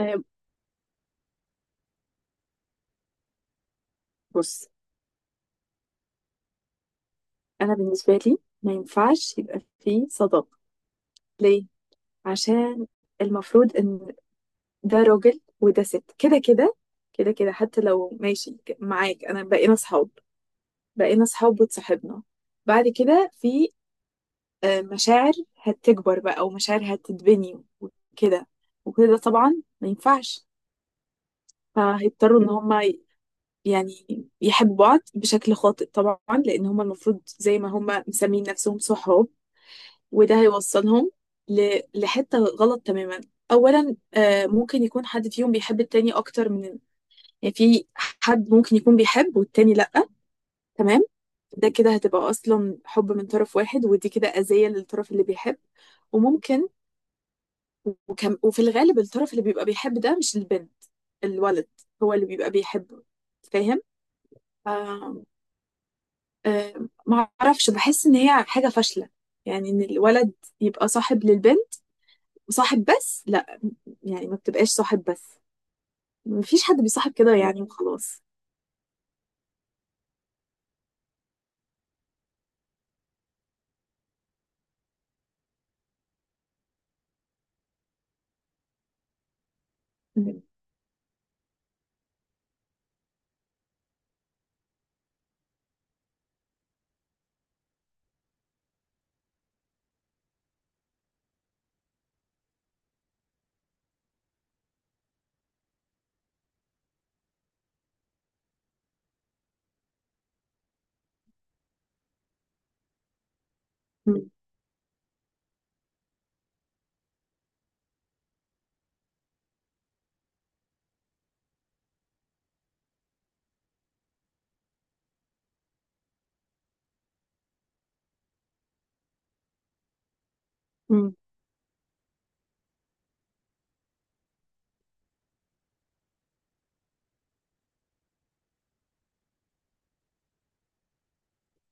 آه، بص. انا بالنسبه لي ما ينفعش يبقى فيه صداقه. ليه؟ عشان المفروض ان ده راجل وده ست، كده كده كده كده، حتى لو ماشي معاك انا بقينا صحاب. وتصاحبنا، بعد كده في مشاعر هتكبر بقى ومشاعر هتتبني وكده، وكده طبعا، ما ينفعش. فهيضطروا ان هما يعني يحبوا بعض بشكل خاطئ طبعا، لان هما المفروض زي ما هما مسمين نفسهم صحاب، وده هيوصلهم لحتة غلط تماما. أولا ممكن يكون حد فيهم بيحب التاني أكتر من، يعني في حد ممكن يكون بيحب والتاني لأ. تمام. ده كده هتبقى أصلا حب من طرف واحد، ودي كده أذية للطرف اللي بيحب. وممكن وكم وفي الغالب الطرف اللي بيبقى بيحب ده مش البنت، الولد هو اللي بيبقى بيحبه. فاهم؟ آه. آه، ما أعرفش، بحس إن هي حاجة فاشلة. يعني إن الولد يبقى صاحب للبنت وصاحب بس، يعني ما بتبقاش صاحب بس، مفيش حد بيصاحب كده يعني وخلاص. مم. مم. مم.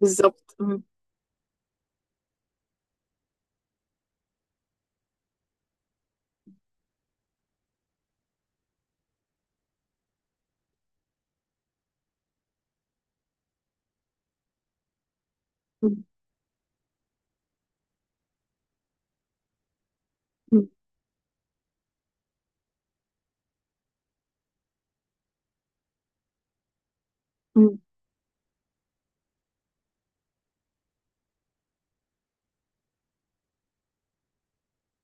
بالظبط، مم. مم. مم. مم.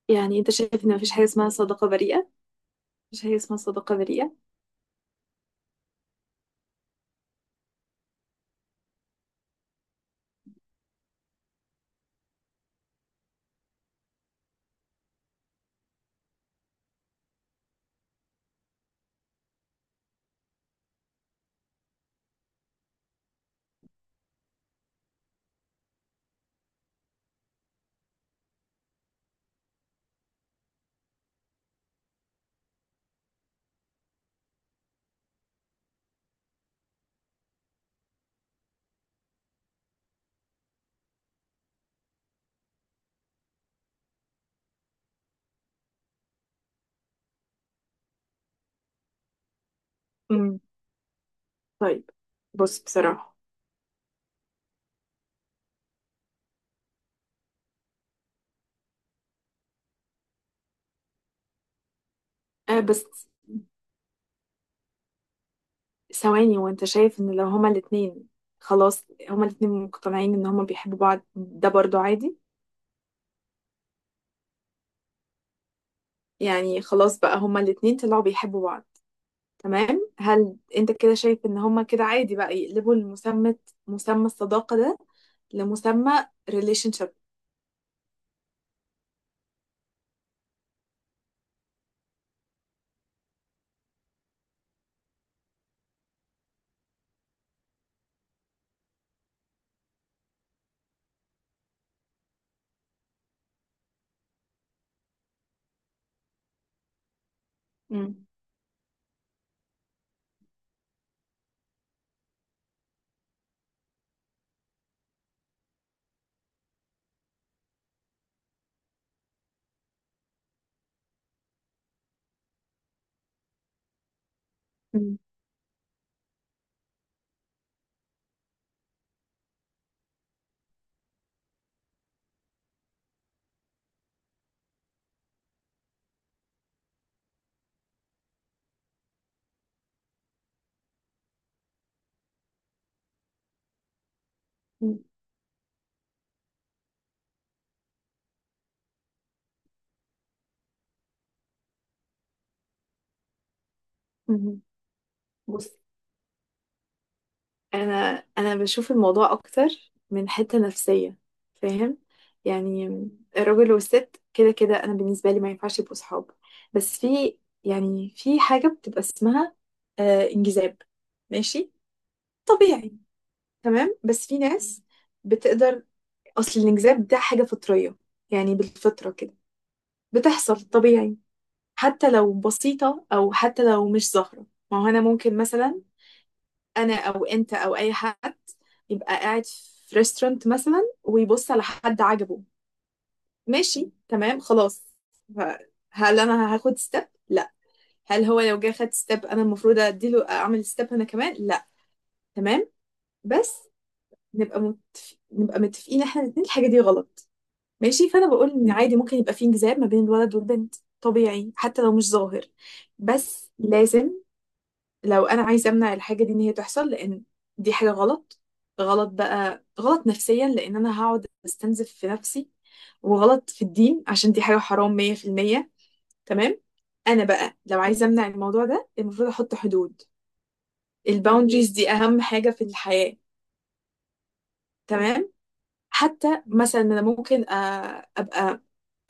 يعني انت شايف ان مفيش حاجة اسمها صداقة بريئة؟ مفيش حاجة اسمها صداقة بريئة. مم. طيب، بص بصراحة. آه بس، ثواني. وانت شايف ان لو هما الاتنين، خلاص، هما الاتنين مقتنعين ان هما بيحبوا بعض، ده برضو عادي؟ يعني خلاص بقى هما الاتنين طلعوا بيحبوا بعض، تمام. هل انت كده شايف ان هما كده عادي بقى يقلبوا المسمى، مسمى الصداقة ده، لمسمى relationship؟ مم. مم. مم. مم. بص. انا بشوف الموضوع اكتر من حتة نفسية. فاهم؟ يعني الراجل والست كده كده انا بالنسبة لي ما ينفعش يبقوا صحاب. بس في، يعني في حاجة بتبقى اسمها آه انجذاب، ماشي، طبيعي. تمام. بس في ناس بتقدر. اصل الانجذاب ده حاجة فطرية، يعني بالفطرة كده بتحصل طبيعي، حتى لو بسيطة أو حتى لو مش ظاهرة. ما هو أنا ممكن مثلا، أنا أو أنت أو أي حد، يبقى قاعد في ريستورانت مثلا ويبص على حد عجبه. ماشي، تمام، خلاص. ف- هل أنا هاخد ستيب؟ لا. هل هو لو جه خد ستيب أنا المفروض أديله أعمل ستيب أنا كمان؟ لا. تمام. بس نبقى نبقى متفقين إحنا الاتنين الحاجة دي غلط، ماشي. فأنا بقول إن عادي ممكن يبقى في انجذاب ما بين الولد والبنت، طبيعي حتى لو مش ظاهر. بس لازم، لو انا عايزه امنع الحاجه دي ان هي تحصل، لان دي حاجه غلط. غلط بقى، غلط نفسيا لان انا هقعد استنزف في نفسي، وغلط في الدين عشان دي حاجه حرام 100%. تمام. انا بقى لو عايزه امنع الموضوع ده، المفروض احط حدود. الباوندريز دي اهم حاجه في الحياه. تمام. حتى مثلا انا ممكن ابقى،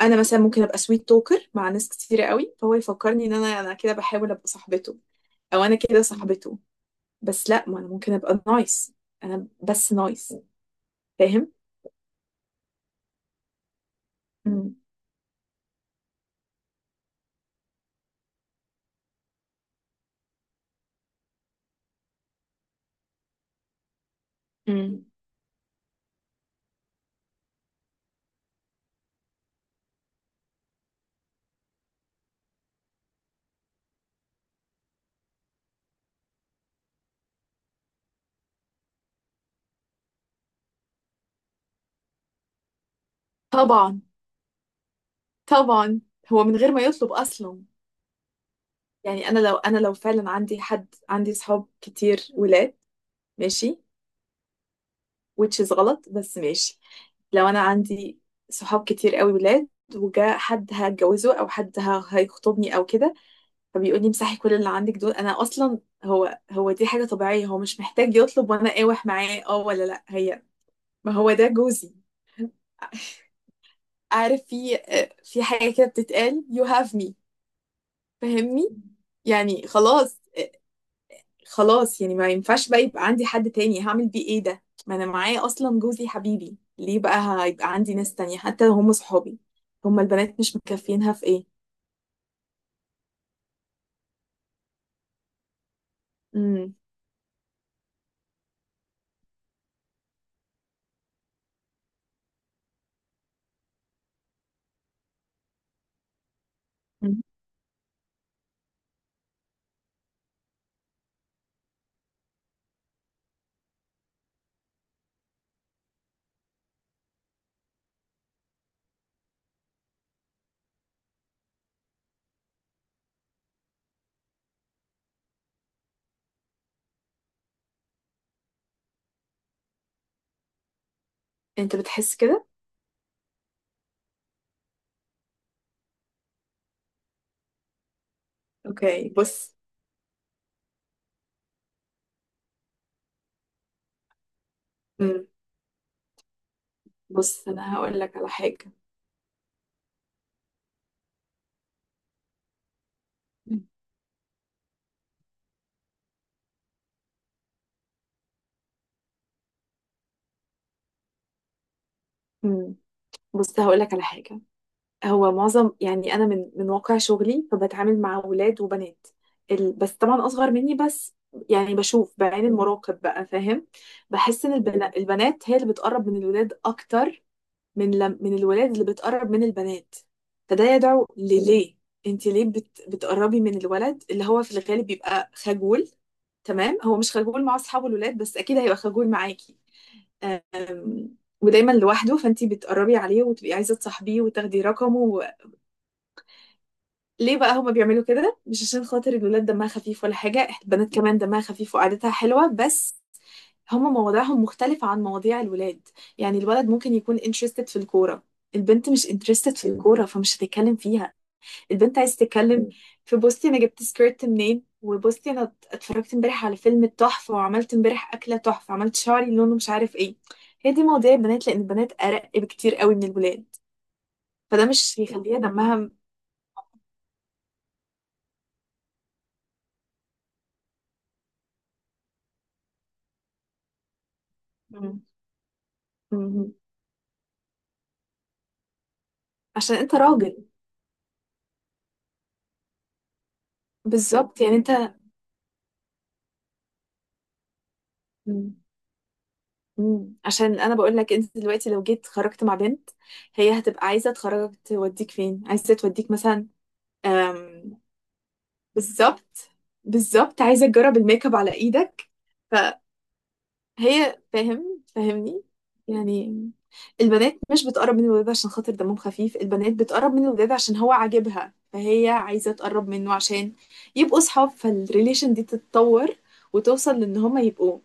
انا مثلا ممكن ابقى سويت توكر مع ناس كتيره قوي، فهو يفكرني ان انا كده بحاول ابقى صاحبته، او انا كده صاحبته. بس لا، ما انا ممكن ابقى نايس. انا بس نايس. فاهم؟ مم. مم. طبعا، طبعا. هو من غير ما يطلب اصلا. يعني انا لو، انا لو فعلا عندي حد، عندي صحاب كتير ولاد، ماشي، which is غلط بس ماشي، لو انا عندي صحاب كتير قوي ولاد، وجا حد هتجوزه او حد هيخطبني او كده، فبيقول لي امسحي كل اللي عندك دول. انا اصلا، هو دي حاجة طبيعية، هو مش محتاج يطلب وانا اقاوح معاه، اه ولا لا. هي، ما هو ده جوزي. عارف في في حاجة كده بتتقال you have me. فاهمني؟ يعني خلاص. خلاص يعني ما ينفعش بقى يبقى عندي حد تاني. هعمل بيه ايه ده؟ ما انا معايا اصلا جوزي حبيبي، ليه بقى هيبقى عندي ناس تانية حتى لو هم صحابي؟ هم البنات مش مكفينها في ايه؟ امم. مم. انت بتحس كده؟ اوكي بص. امم. بص انا هقول لك على حاجة. امم. بص هقول لك على حاجة. هو معظم، يعني انا من واقع شغلي فبتعامل مع ولاد وبنات، بس طبعا اصغر مني. بس يعني بشوف بعين المراقب بقى. فاهم؟ بحس ان البنات هي اللي بتقرب من الولاد اكتر من لم... من الولاد اللي بتقرب من البنات. فده يدعو لليه. انت ليه بتقربي من الولد اللي هو في الغالب بيبقى خجول؟ تمام، هو مش خجول مع اصحابه الولاد بس اكيد هيبقى خجول معاكي. أم، ودايما لوحده، فانتي بتقربي عليه وتبقي عايزه تصاحبيه وتاخدي رقمه. ليه بقى هما بيعملوا كده؟ مش عشان خاطر الولاد دمها خفيف ولا حاجة، البنات كمان دمها خفيف وقعدتها حلوة. بس هما مواضيعهم مختلفة عن مواضيع الولاد. يعني الولد ممكن يكون interested في الكورة، البنت مش interested في الكورة فمش هتتكلم فيها. البنت عايز تتكلم في بوستي، أنا جبت سكيرت منين، وبوستي، أنا اتفرجت امبارح على فيلم تحفة، وعملت امبارح أكلة تحفة، عملت شعري لونه مش عارف ايه. هي دي مواضيع البنات، لأن البنات أرق بكتير قوي من الولاد. فده مش يخليها دمها م- م- عشان انت راجل. بالظبط، يعني انت. مم. مم. عشان انا بقول لك انت دلوقتي لو جيت خرجت مع بنت، هي هتبقى عايزه تخرجك، توديك فين، عايزه توديك مثلا، أم، بالظبط. بالظبط، عايزه تجرب الميك اب على ايدك. فهي، فاهم؟ فاهمني؟ يعني البنات مش بتقرب من الولاد عشان خاطر دمهم خفيف. البنات بتقرب من الولاد عشان هو عاجبها، فهي عايزه تقرب منه عشان يبقوا صحاب، فالريليشن دي تتطور وتوصل لان هما يبقوا،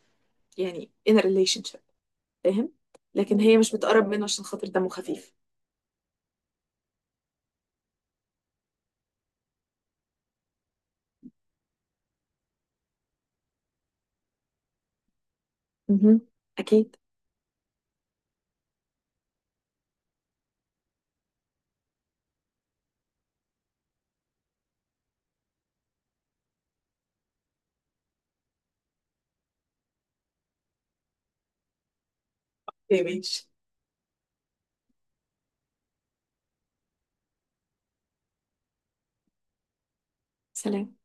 يعني in a relationship. فاهم؟ لكن هي مش بتقرب منه عشان خاطر دمه خفيف. مهم. اكيد. اوكي ماشي. سلام.